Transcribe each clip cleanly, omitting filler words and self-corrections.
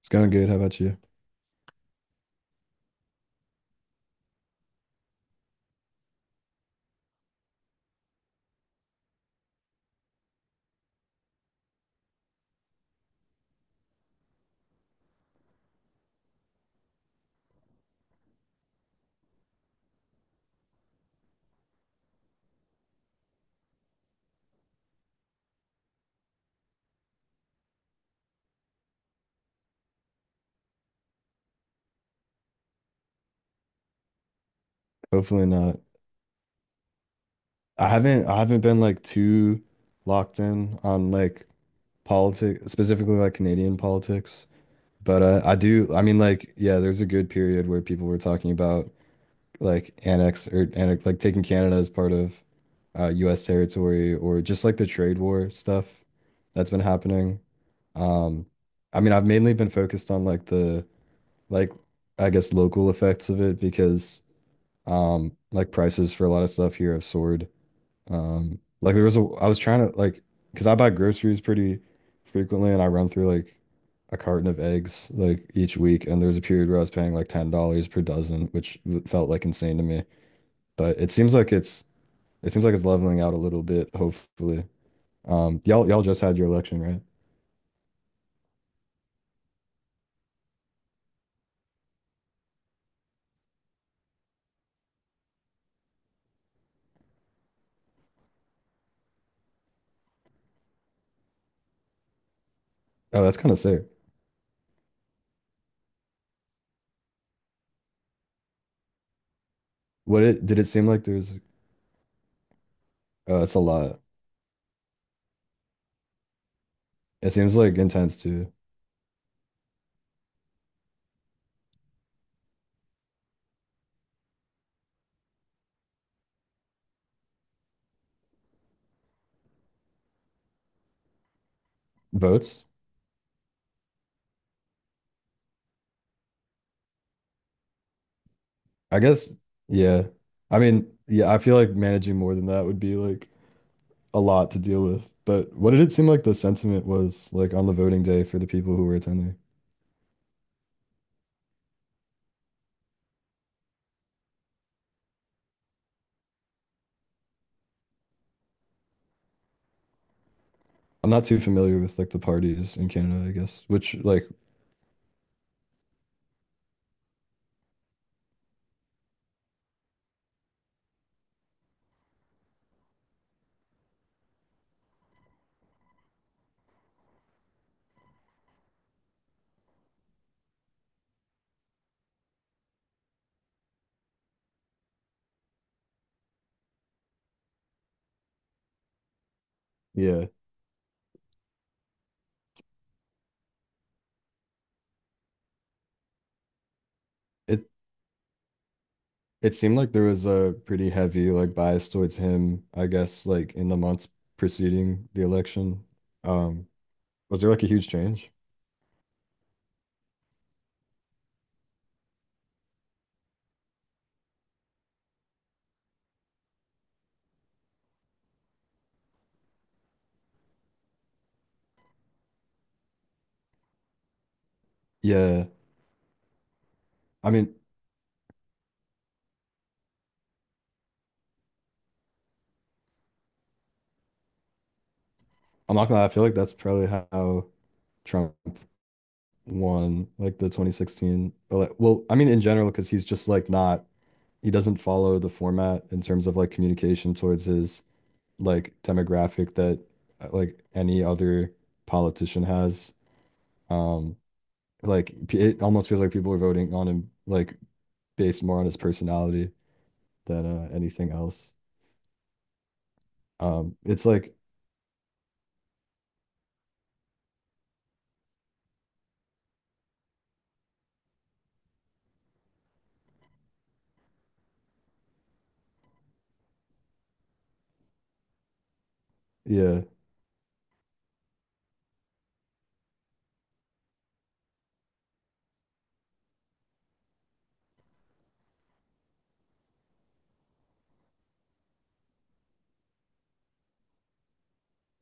It's going good. How about you? Hopefully not. I haven't been like too locked in on like politics, specifically like Canadian politics. But I do. I mean, like, yeah, there's a good period where people were talking about like annex like taking Canada as part of US territory, or just like the trade war stuff that's been happening. Um I mean, I've mainly been focused on like the, like, I guess local effects of it, because like prices for a lot of stuff here have soared. Like there was a, I was trying to, like, because I buy groceries pretty frequently, and I run through like a carton of eggs like each week, and there was a period where I was paying like $10 per dozen, which felt like insane to me. But it seems like it's leveling out a little bit, hopefully. Y'all just had your election, right? Oh, that's kind of sick. What it did it seem like there's. It's a lot. It seems like intense too. Votes? I guess, yeah. I mean, yeah, I feel like managing more than that would be like a lot to deal with. But what did it seem like the sentiment was like on the voting day for the people who were attending? I'm not too familiar with like the parties in Canada, I guess, which, like, yeah, it it seemed like there was a pretty heavy like bias towards him, I guess, like in the months preceding the election. Um, was there like a huge change? Yeah. I mean, I'm not gonna lie, I feel like that's probably how Trump won like the 2016 well, I mean, in general, because he's just like not, he doesn't follow the format in terms of like communication towards his like demographic that like any other politician has. um like it almost feels like people are voting on him like based more on his personality than anything else. It's like, yeah,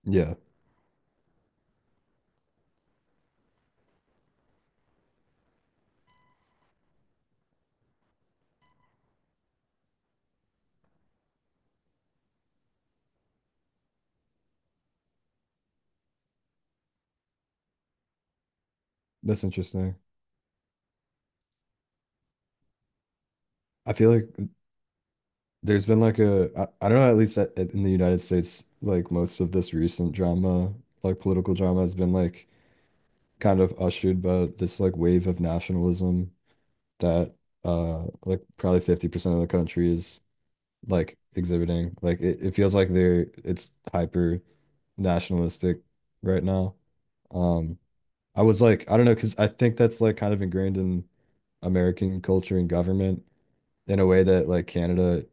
yeah, that's interesting. I feel like there's been like a, I don't know, at least in the United States, like most of this recent drama, like political drama, has been like kind of ushered by this like wave of nationalism, that like probably 50% of the country is like exhibiting, like it feels like they're it's hyper nationalistic right now. um I was like, I don't know, because I think that's like kind of ingrained in American culture and government in a way that like Canada,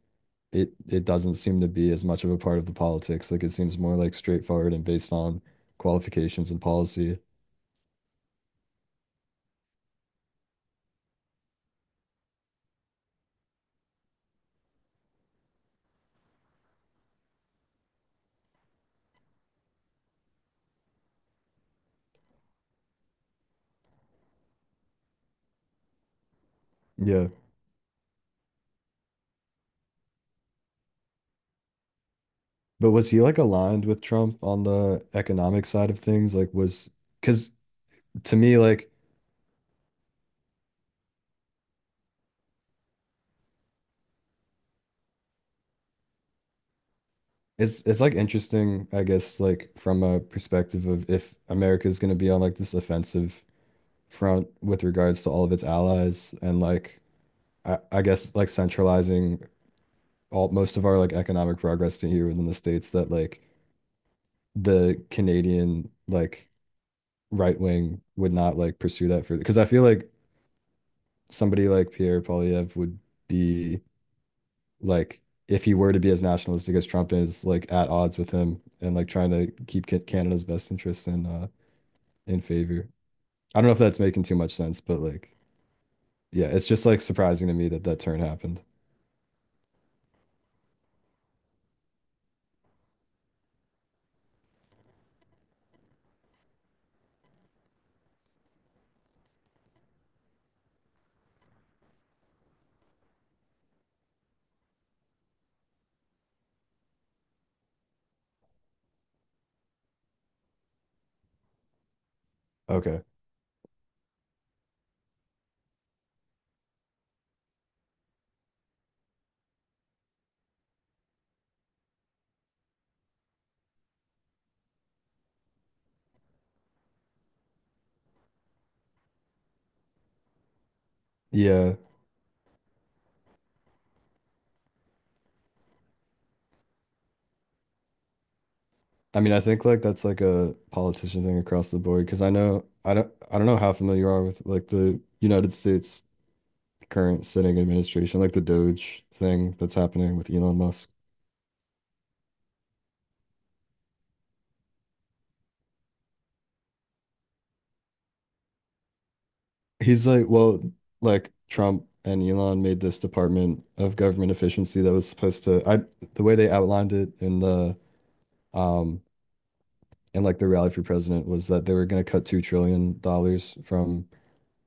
it doesn't seem to be as much of a part of the politics. Like it seems more like straightforward and based on qualifications and policy. Yeah. But was he like aligned with Trump on the economic side of things? Like was because, to me, like it's like interesting, I guess, like from a perspective of, if America is going to be on like this offensive front with regards to all of its allies, and like I guess like centralizing all most of our like economic progress to here within the states, that like the Canadian like right wing would not like pursue that further, because I feel like somebody like Pierre Poilievre would be like, if he were to be as nationalistic as Trump, is like at odds with him and like trying to keep Canada's best interests in favor. I don't know if that's making too much sense, but like, yeah, it's just like surprising to me that that turn happened. Okay. Yeah. I mean, I think like that's like a politician thing across the board, because I don't know how familiar you are with like the United States current sitting administration, like the Doge thing that's happening with Elon Musk. He's like, well, like, Trump and Elon made this Department of Government Efficiency that was supposed to, the way they outlined it um, in like the rally for president, was that they were going to cut $2 trillion dollars from,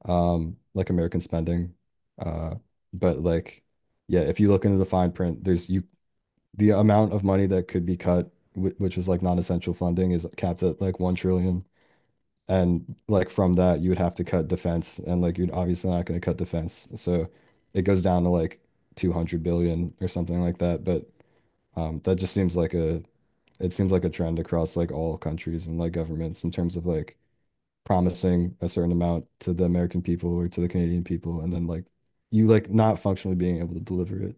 like, American spending. Uh, but like, yeah, if you look into the fine print, there's the amount of money that could be cut, which was like non-essential funding, is capped at like 1 trillion. And like, from that, you would have to cut defense, and like, you're obviously not going to cut defense. So it goes down to like 200 billion or something like that. But that just seems like a, it seems like a trend across like all countries and like governments in terms of like promising a certain amount to the American people or to the Canadian people, and then like, you like not functionally being able to deliver it.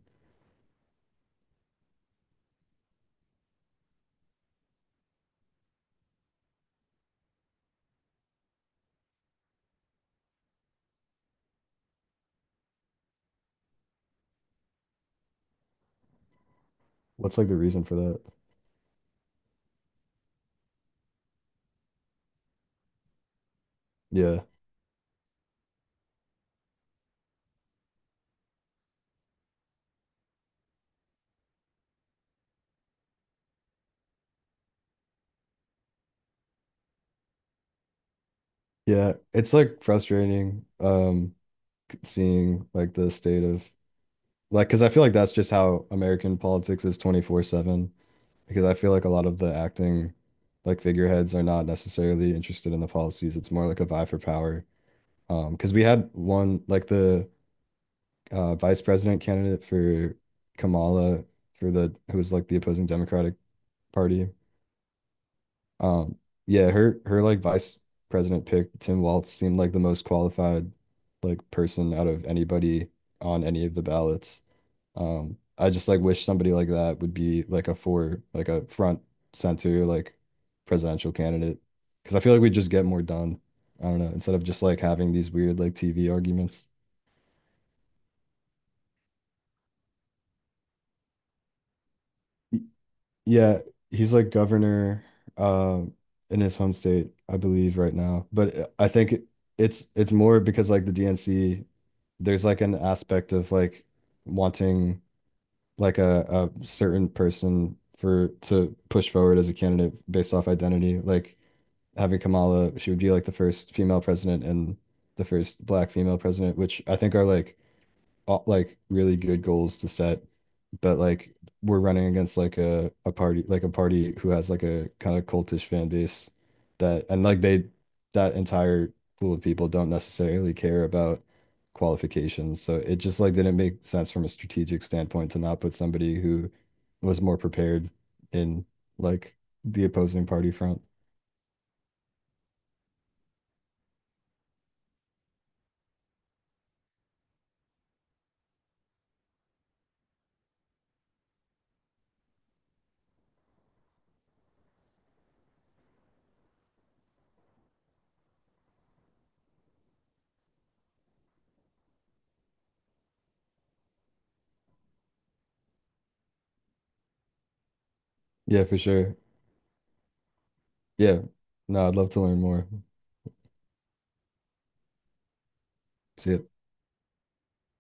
What's like the reason for that? Yeah. Yeah, it's like frustrating, seeing like the state of. Like, because I feel like that's just how American politics is 24/7. Because I feel like a lot of the acting, like, figureheads, are not necessarily interested in the policies. It's more like a vie for power. Because we had one, like the vice president candidate for Kamala, for the who was like the opposing Democratic Party. um, yeah, her like vice president pick, Tim Walz, seemed like the most qualified like person out of anybody on any of the ballots. I just like wish somebody like that would be like a, for like a front center like presidential candidate, because I feel like we just get more done. I don't know, instead of just like having these weird like TV arguments. Yeah, he's like governor um in his home state, I believe, right now. But I think it's more because like the DNC, there's like an aspect of like wanting like a certain person for to push forward as a candidate based off identity. Like having Kamala, she would be like the first female president and the first black female president, which I think are like really good goals to set, but like we're running against like a party who has like a kind of cultish fan base that, and like they that entire pool of people don't necessarily care about qualifications. So it just like didn't make sense from a strategic standpoint to not put somebody who was more prepared in like the opposing party front. Yeah, for sure. Yeah. No, I'd love to learn more. See ya.